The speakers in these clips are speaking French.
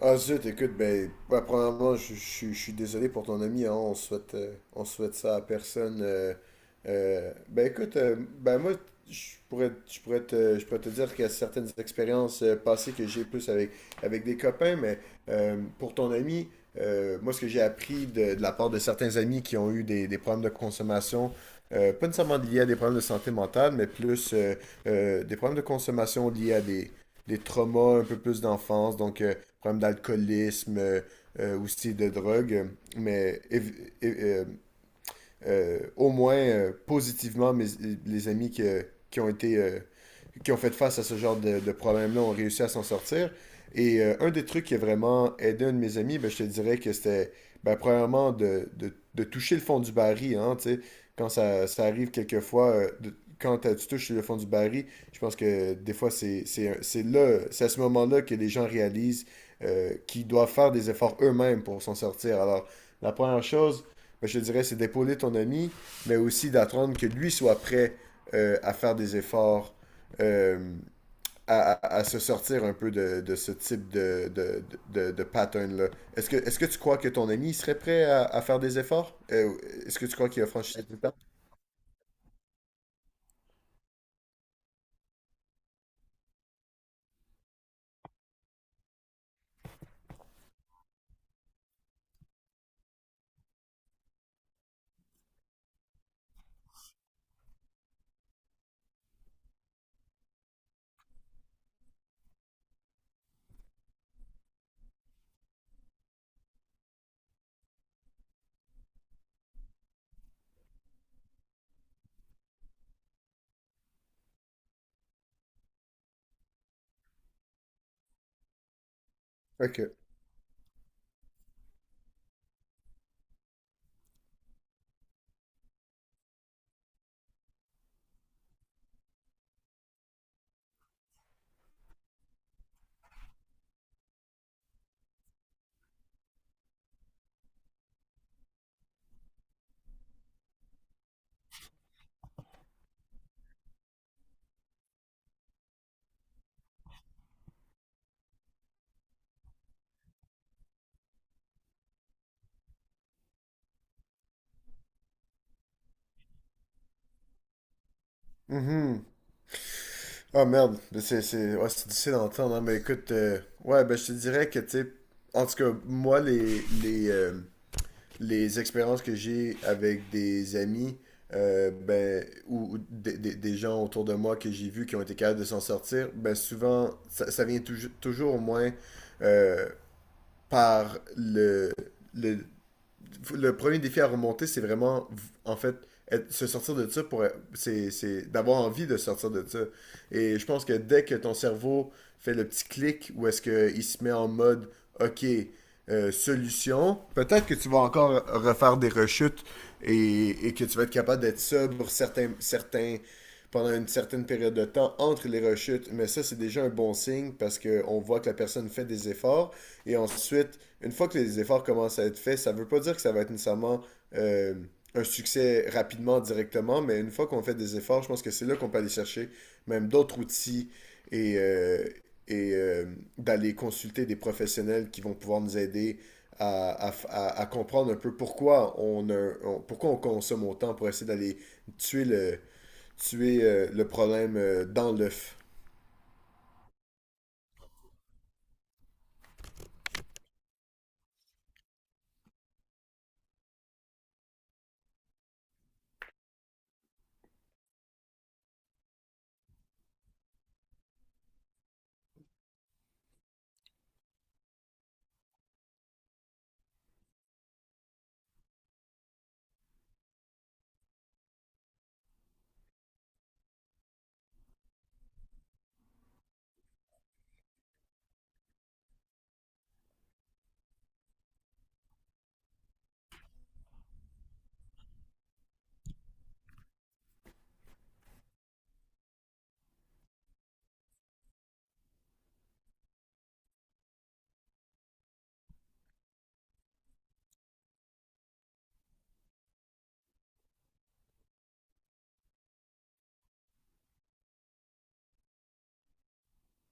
Ah zut, écoute, premièrement, je suis désolé pour ton ami, hein, on souhaite ça à personne. Ben écoute, ben moi, je pourrais te dire qu'il y a certaines expériences passées que j'ai plus avec des copains, mais pour ton ami, moi, ce que j'ai appris de la part de certains amis qui ont eu des problèmes de consommation, pas nécessairement liés à des problèmes de santé mentale, mais plus des problèmes de consommation liés des traumas un peu plus d'enfance, problèmes d'alcoolisme, aussi de drogue. Mais év- é- euh, Au moins positivement, les amis qui ont été qui ont fait face à ce genre de problème-là ont réussi à s'en sortir. Et un des trucs qui a vraiment aidé un de mes amis, ben, je te dirais que c'était ben, premièrement de toucher le fond du baril. Hein, tu sais, quand ça arrive quelquefois, quand tu touches le fond du baril, je pense que des fois, c'est là, c'est à ce moment-là que les gens réalisent qu'ils doivent faire des efforts eux-mêmes pour s'en sortir. Alors, la première chose, mais je te dirais, c'est d'épauler ton ami, mais aussi d'attendre que lui soit prêt à faire des efforts, euh, à se sortir un peu de ce type de pattern-là. Est-ce que tu crois que ton ami serait prêt à faire des efforts? Est-ce que tu crois qu'il a franchi cette étape? Ok. Mhm. Ah merde, mais ouais, c'est difficile d'entendre, hein, mais écoute, ouais, ben je te dirais que, tu sais, en tout cas, moi, les expériences que j'ai avec des amis ou des gens autour de moi que j'ai vus qui ont été capables de s'en sortir, ben souvent, ça vient toujours au moins euh, par le- le premier défi à remonter, c'est vraiment, en fait, se sortir de ça pour. C'est d'avoir envie de sortir de ça. Et je pense que dès que ton cerveau fait le petit clic où est-ce qu'il se met en mode OK, solution, peut-être que tu vas encore refaire des rechutes et que tu vas être capable d'être sobre pendant une certaine période de temps entre les rechutes. Mais ça, c'est déjà un bon signe parce qu'on voit que la personne fait des efforts, et ensuite, une fois que les efforts commencent à être faits, ça ne veut pas dire que ça va être nécessairement euh, un succès rapidement, directement, mais une fois qu'on fait des efforts, je pense que c'est là qu'on peut aller chercher même d'autres outils et, euh, et euh, d'aller consulter des professionnels qui vont pouvoir nous aider à comprendre un peu pourquoi pourquoi on consomme autant pour essayer d'aller tuer tuer, le problème dans l'œuf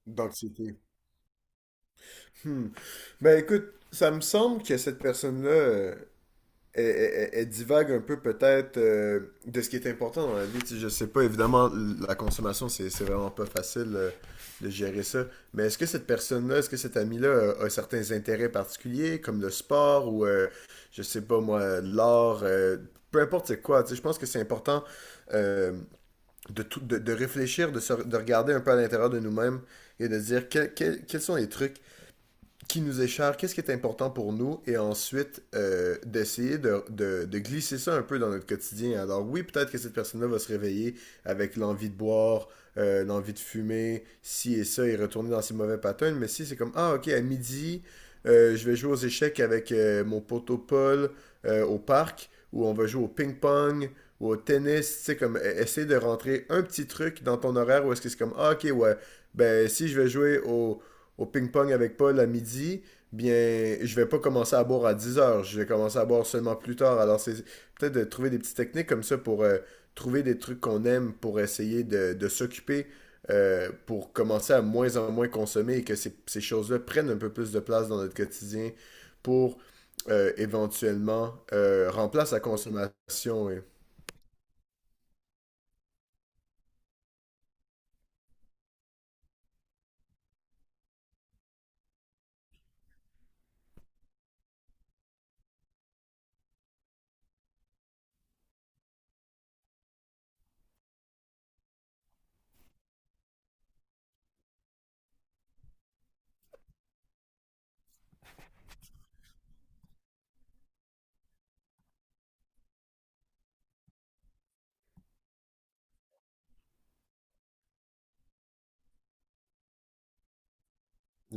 d'anxiété. Hmm. Ben écoute, ça me semble que cette personne-là, elle divague un peu peut-être de ce qui est important dans la vie. Tu sais, je sais pas, évidemment, la consommation, c'est vraiment pas facile de gérer ça. Mais est-ce que cette personne-là, est-ce que cet ami-là a certains intérêts particuliers, comme le sport ou, je sais pas moi, l'art, peu importe c'est quoi. Tu sais, je pense que c'est important euh, de réfléchir, de regarder un peu à l'intérieur de nous-mêmes et de dire quels sont les trucs qui nous est cher, qu'est-ce qui est important pour nous, et ensuite d'essayer de glisser ça un peu dans notre quotidien. Alors oui, peut-être que cette personne-là va se réveiller avec l'envie de boire, l'envie de fumer, ci et ça, et retourner dans ses mauvais patterns, mais si c'est comme, ah ok, à midi, je vais jouer aux échecs avec mon poteau Paul au parc, ou on va jouer au ping-pong, ou au tennis, tu sais, comme essayer de rentrer un petit truc dans ton horaire où est-ce que c'est comme, ah ok, ouais, ben si je vais jouer au ping-pong avec Paul à midi, bien, je vais pas commencer à boire à 10 heures. Je vais commencer à boire seulement plus tard. Alors, c'est peut-être de trouver des petites techniques comme ça pour trouver des trucs qu'on aime pour essayer de s'occuper, pour commencer à moins en moins consommer et que ces choses-là prennent un peu plus de place dans notre quotidien pour éventuellement remplacer la consommation. Et,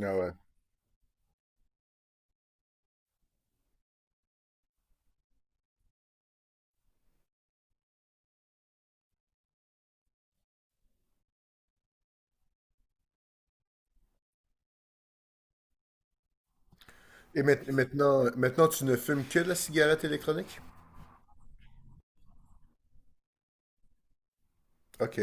ah ouais, et maintenant, maintenant, tu ne fumes que de la cigarette électronique? Ok.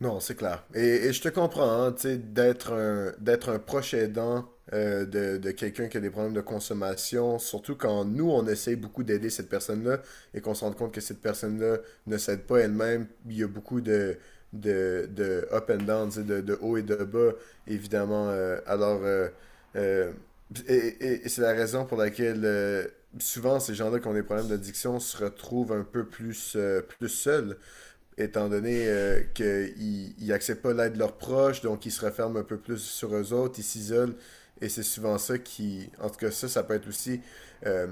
Non, c'est clair. Et je te comprends, hein, tu sais, d'être un proche aidant de quelqu'un qui a des problèmes de consommation, surtout quand nous, on essaye beaucoup d'aider cette personne-là et qu'on se rend compte que cette personne-là ne s'aide pas elle-même. Il y a beaucoup de up and down, tu sais, de haut et de bas, évidemment. Euh, et c'est la raison pour laquelle souvent ces gens-là qui ont des problèmes d'addiction se retrouvent un peu plus, plus seuls étant donné qu'ils n'acceptent pas l'aide de leurs proches, donc ils se referment un peu plus sur eux autres, ils s'isolent, et c'est souvent ça qui... En tout cas, ça peut être aussi... euh,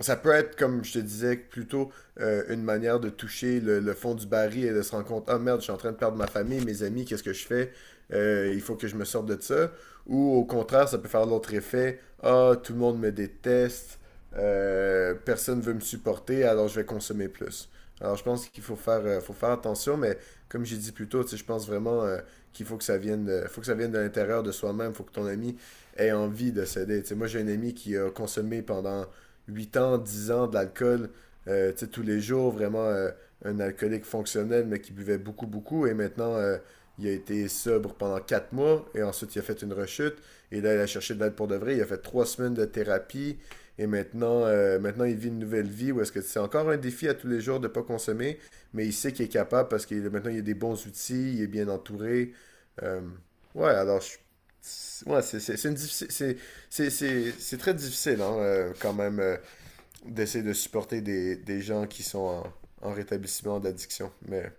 Ça peut être, comme je te disais, plutôt une manière de toucher le fond du baril et de se rendre compte, ah merde, je suis en train de perdre ma famille, mes amis, qu'est-ce que je fais? Il faut que je me sorte de ça. Ou au contraire, ça peut faire l'autre effet, ah, tout le monde me déteste, personne ne veut me supporter, alors je vais consommer plus. Alors, je pense qu'il faut faire attention, mais comme j'ai dit plus tôt, tu sais, je pense vraiment qu'il faut que ça vienne, faut que ça vienne de l'intérieur de soi-même. Il faut que ton ami ait envie de céder. Tu sais, moi, j'ai un ami qui a consommé pendant 8 ans, 10 ans de l'alcool, tu sais, tous les jours, vraiment un alcoolique fonctionnel, mais qui buvait beaucoup, beaucoup. Et maintenant, il a été sobre pendant 4 mois, et ensuite, il a fait une rechute. Et là, il a cherché de l'aide pour de vrai. Il a fait 3 semaines de thérapie. Et maintenant, maintenant, il vit une nouvelle vie où est-ce que c'est encore un défi à tous les jours de ne pas consommer, mais il sait qu'il est capable parce que maintenant, il a des bons outils, il est bien entouré. Euh, ouais, alors, je- ouais, c'est une diffi- c'est très difficile hein, quand même d'essayer de supporter des gens qui sont en rétablissement d'addiction. Mais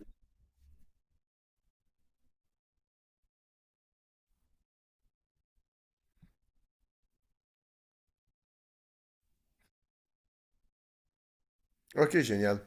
ok, génial.